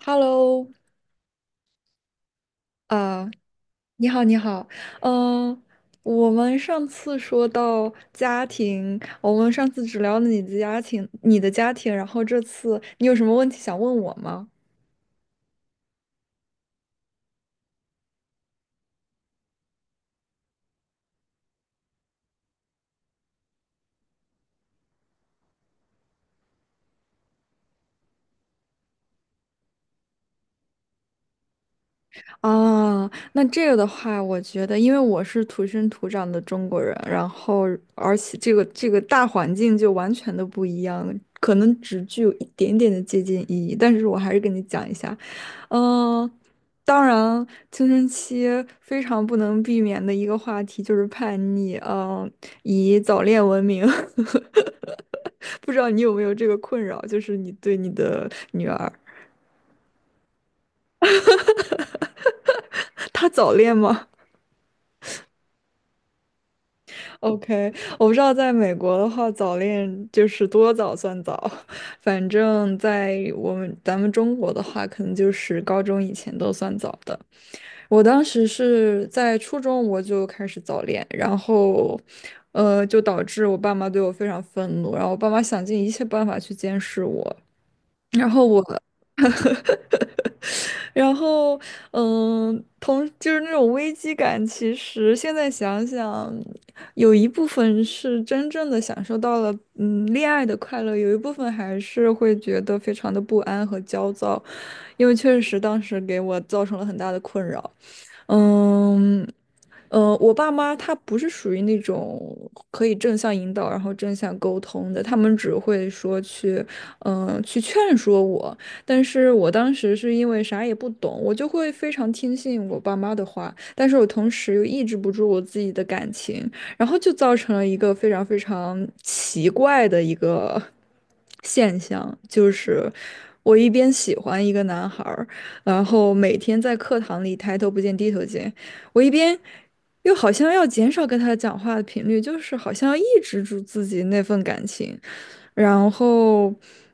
Hello，啊，你好，你好，嗯、我们上次说到家庭，我们上次只聊了你的家庭，然后这次你有什么问题想问我吗？啊，那这个的话，我觉得，因为我是土生土长的中国人，然后而且这个大环境就完全的不一样，可能只具有一点点的借鉴意义，但是我还是跟你讲一下，嗯、当然，青春期非常不能避免的一个话题就是叛逆，以早恋闻名。不知道你有没有这个困扰，就是你对你的女儿，她早恋吗？OK，我不知道在美国的话，早恋就是多早算早，反正在咱们中国的话，可能就是高中以前都算早的。我当时是在初中我就开始早恋，然后，就导致我爸妈对我非常愤怒，然后我爸妈想尽一切办法去监视我，然后我。然后，就是那种危机感。其实现在想想，有一部分是真正的享受到了恋爱的快乐，有一部分还是会觉得非常的不安和焦躁，因为确实当时给我造成了很大的困扰。嗯，我爸妈他不是属于那种可以正向引导，然后正向沟通的，他们只会说去，去劝说我。但是我当时是因为啥也不懂，我就会非常听信我爸妈的话，但是我同时又抑制不住我自己的感情，然后就造成了一个非常非常奇怪的一个现象，就是我一边喜欢一个男孩儿，然后每天在课堂里抬头不见低头见。我一边又好像要减少跟他讲话的频率，就是好像要抑制住自己那份感情。然后，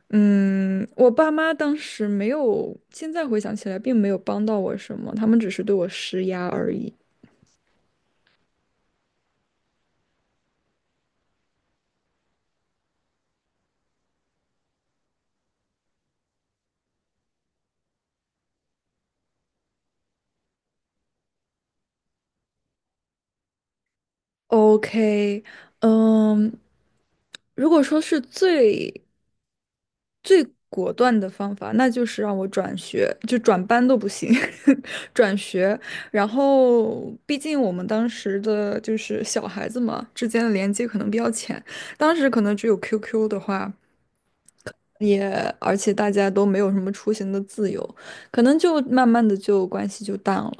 我爸妈当时没有，现在回想起来并没有帮到我什么，他们只是对我施压而已。OK,嗯，如果说是最最果断的方法，那就是让我转学，就转班都不行。转学。然后，毕竟我们当时的就是小孩子嘛，之间的连接可能比较浅，当时可能只有 QQ 的话，也而且大家都没有什么出行的自由，可能就慢慢的就关系就淡了。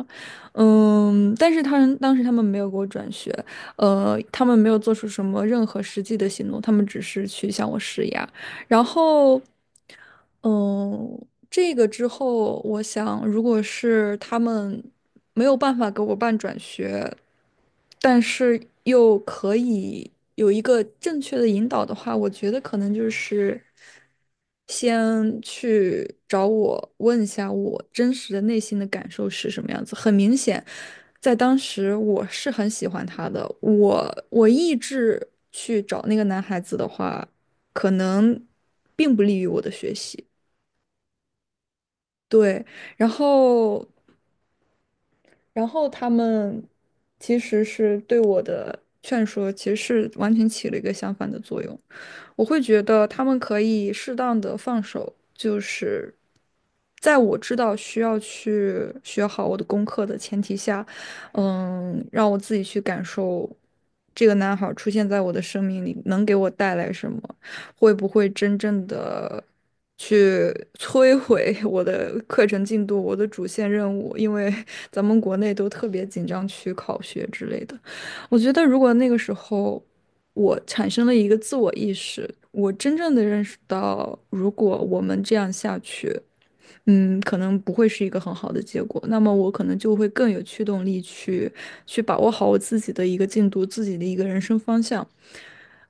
但是他们当时没有给我转学，他们没有做出什么任何实际的行动，他们只是去向我施压。然后，嗯，这个之后，我想，如果是他们没有办法给我办转学，但是又可以有一个正确的引导的话，我觉得可能就是先去找我问一下我真实的内心的感受是什么样子。很明显，在当时我是很喜欢他的，我一直去找那个男孩子的话，可能并不利于我的学习。对，然后，他们其实是对我的劝说，其实是完全起了一个相反的作用。我会觉得他们可以适当的放手，就是在我知道需要去学好我的功课的前提下，让我自己去感受这个男孩儿出现在我的生命里能给我带来什么，会不会真正的去摧毁我的课程进度、我的主线任务，因为咱们国内都特别紧张去考学之类的。我觉得如果那个时候，我产生了一个自我意识，我真正的认识到，如果我们这样下去，可能不会是一个很好的结果。那么我可能就会更有驱动力去去把握好我自己的一个进度，自己的一个人生方向。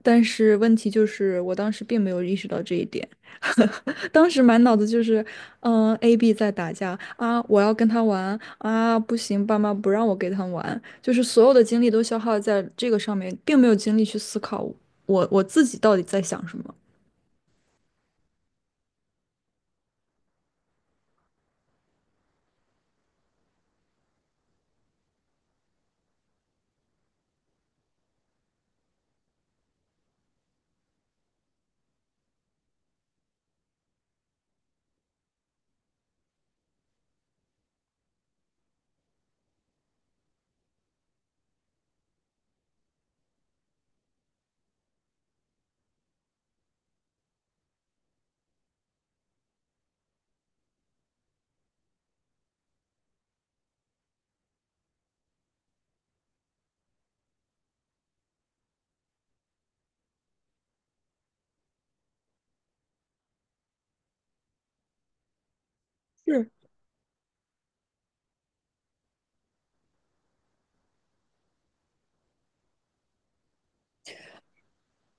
但是问题就是，我当时并没有意识到这一点。当时满脑子就是，A、B 在打架啊，我要跟他玩啊，不行，爸妈不让我跟他玩。就是所有的精力都消耗在这个上面，并没有精力去思考我自己到底在想什么。是。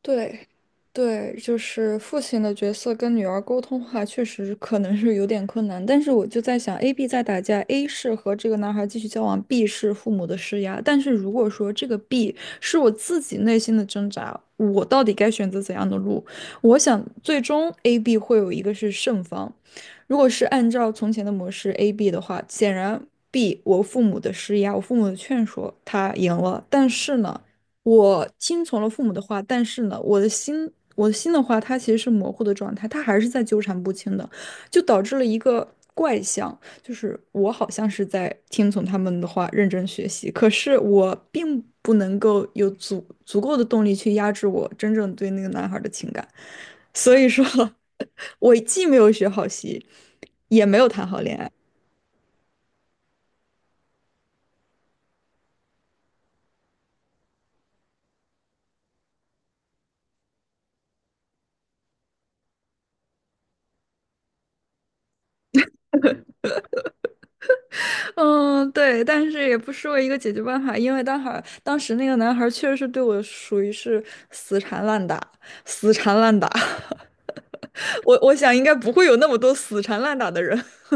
对，对，就是父亲的角色跟女儿沟通的话，确实可能是有点困难。但是我就在想，A、B 在打架，A 是和这个男孩继续交往，B 是父母的施压。但是如果说这个 B 是我自己内心的挣扎，我到底该选择怎样的路？我想最终 A、B 会有一个是胜方。如果是按照从前的模式 A、B 的话，显然 B 我父母的施压，我父母的劝说，他赢了。但是呢？我听从了父母的话，但是呢，我的心，我的心的话，它其实是模糊的状态，它还是在纠缠不清的，就导致了一个怪象，就是我好像是在听从他们的话，认真学习，可是我并不能够有足够的动力去压制我真正对那个男孩的情感，所以说，我既没有学好习，也没有谈好恋爱。嗯，对，但是也不失为一个解决办法，因为当时那个男孩确实是对我属于是死缠烂打，死缠烂打。我想应该不会有那么多死缠烂打的人。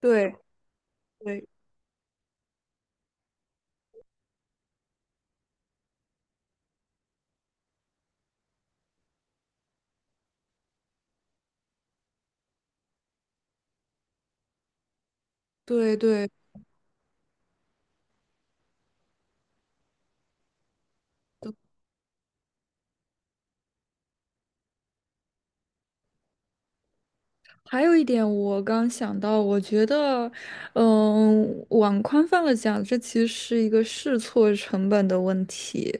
对对对对，还有一点，我刚想到，我觉得，往宽泛了讲，这其实是一个试错成本的问题。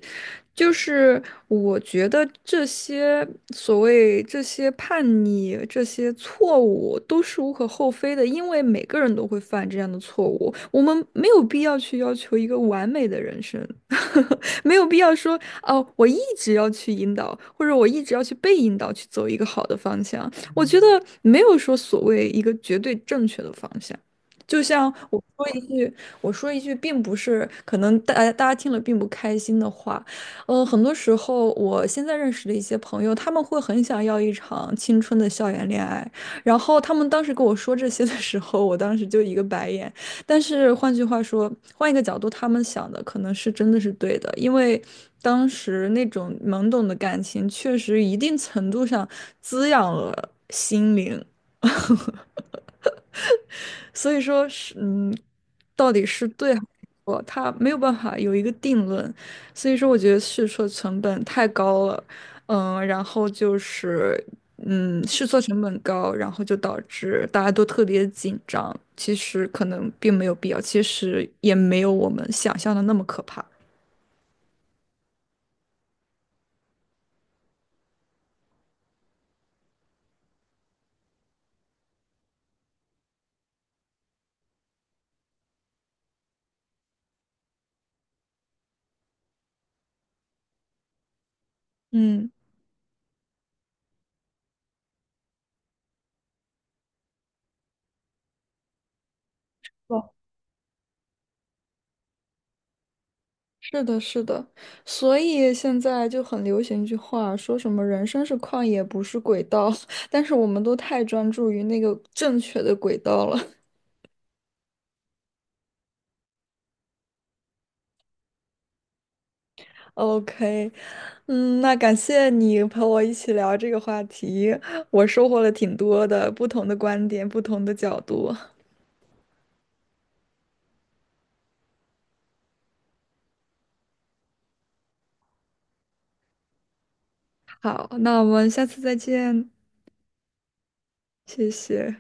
就是我觉得所谓这些叛逆、这些错误都是无可厚非的，因为每个人都会犯这样的错误，我们没有必要去要求一个完美的人生。没有必要说哦，我一直要去引导，或者我一直要去被引导去走一个好的方向。我觉得没有说所谓一个绝对正确的方向，就像我说一句,并不是可能大家听了并不开心的话，很多时候我现在认识的一些朋友，他们会很想要一场青春的校园恋爱，然后他们当时跟我说这些的时候，我当时就一个白眼。但是换句话说，换一个角度，他们想的可能是真的是对的，因为当时那种懵懂的感情，确实一定程度上滋养了心灵。所以说是，到底是对还是错，他没有办法有一个定论。所以说，我觉得试错成本太高了，然后就是，试错成本高，然后就导致大家都特别紧张。其实可能并没有必要，其实也没有我们想象的那么可怕。嗯，哦，是的，是的，所以现在就很流行一句话，说什么"人生是旷野，不是轨道"。但是我们都太专注于那个正确的轨道了。OK,那感谢你陪我一起聊这个话题，我收获了挺多的不同的观点，不同的角度。好，那我们下次再见，谢谢。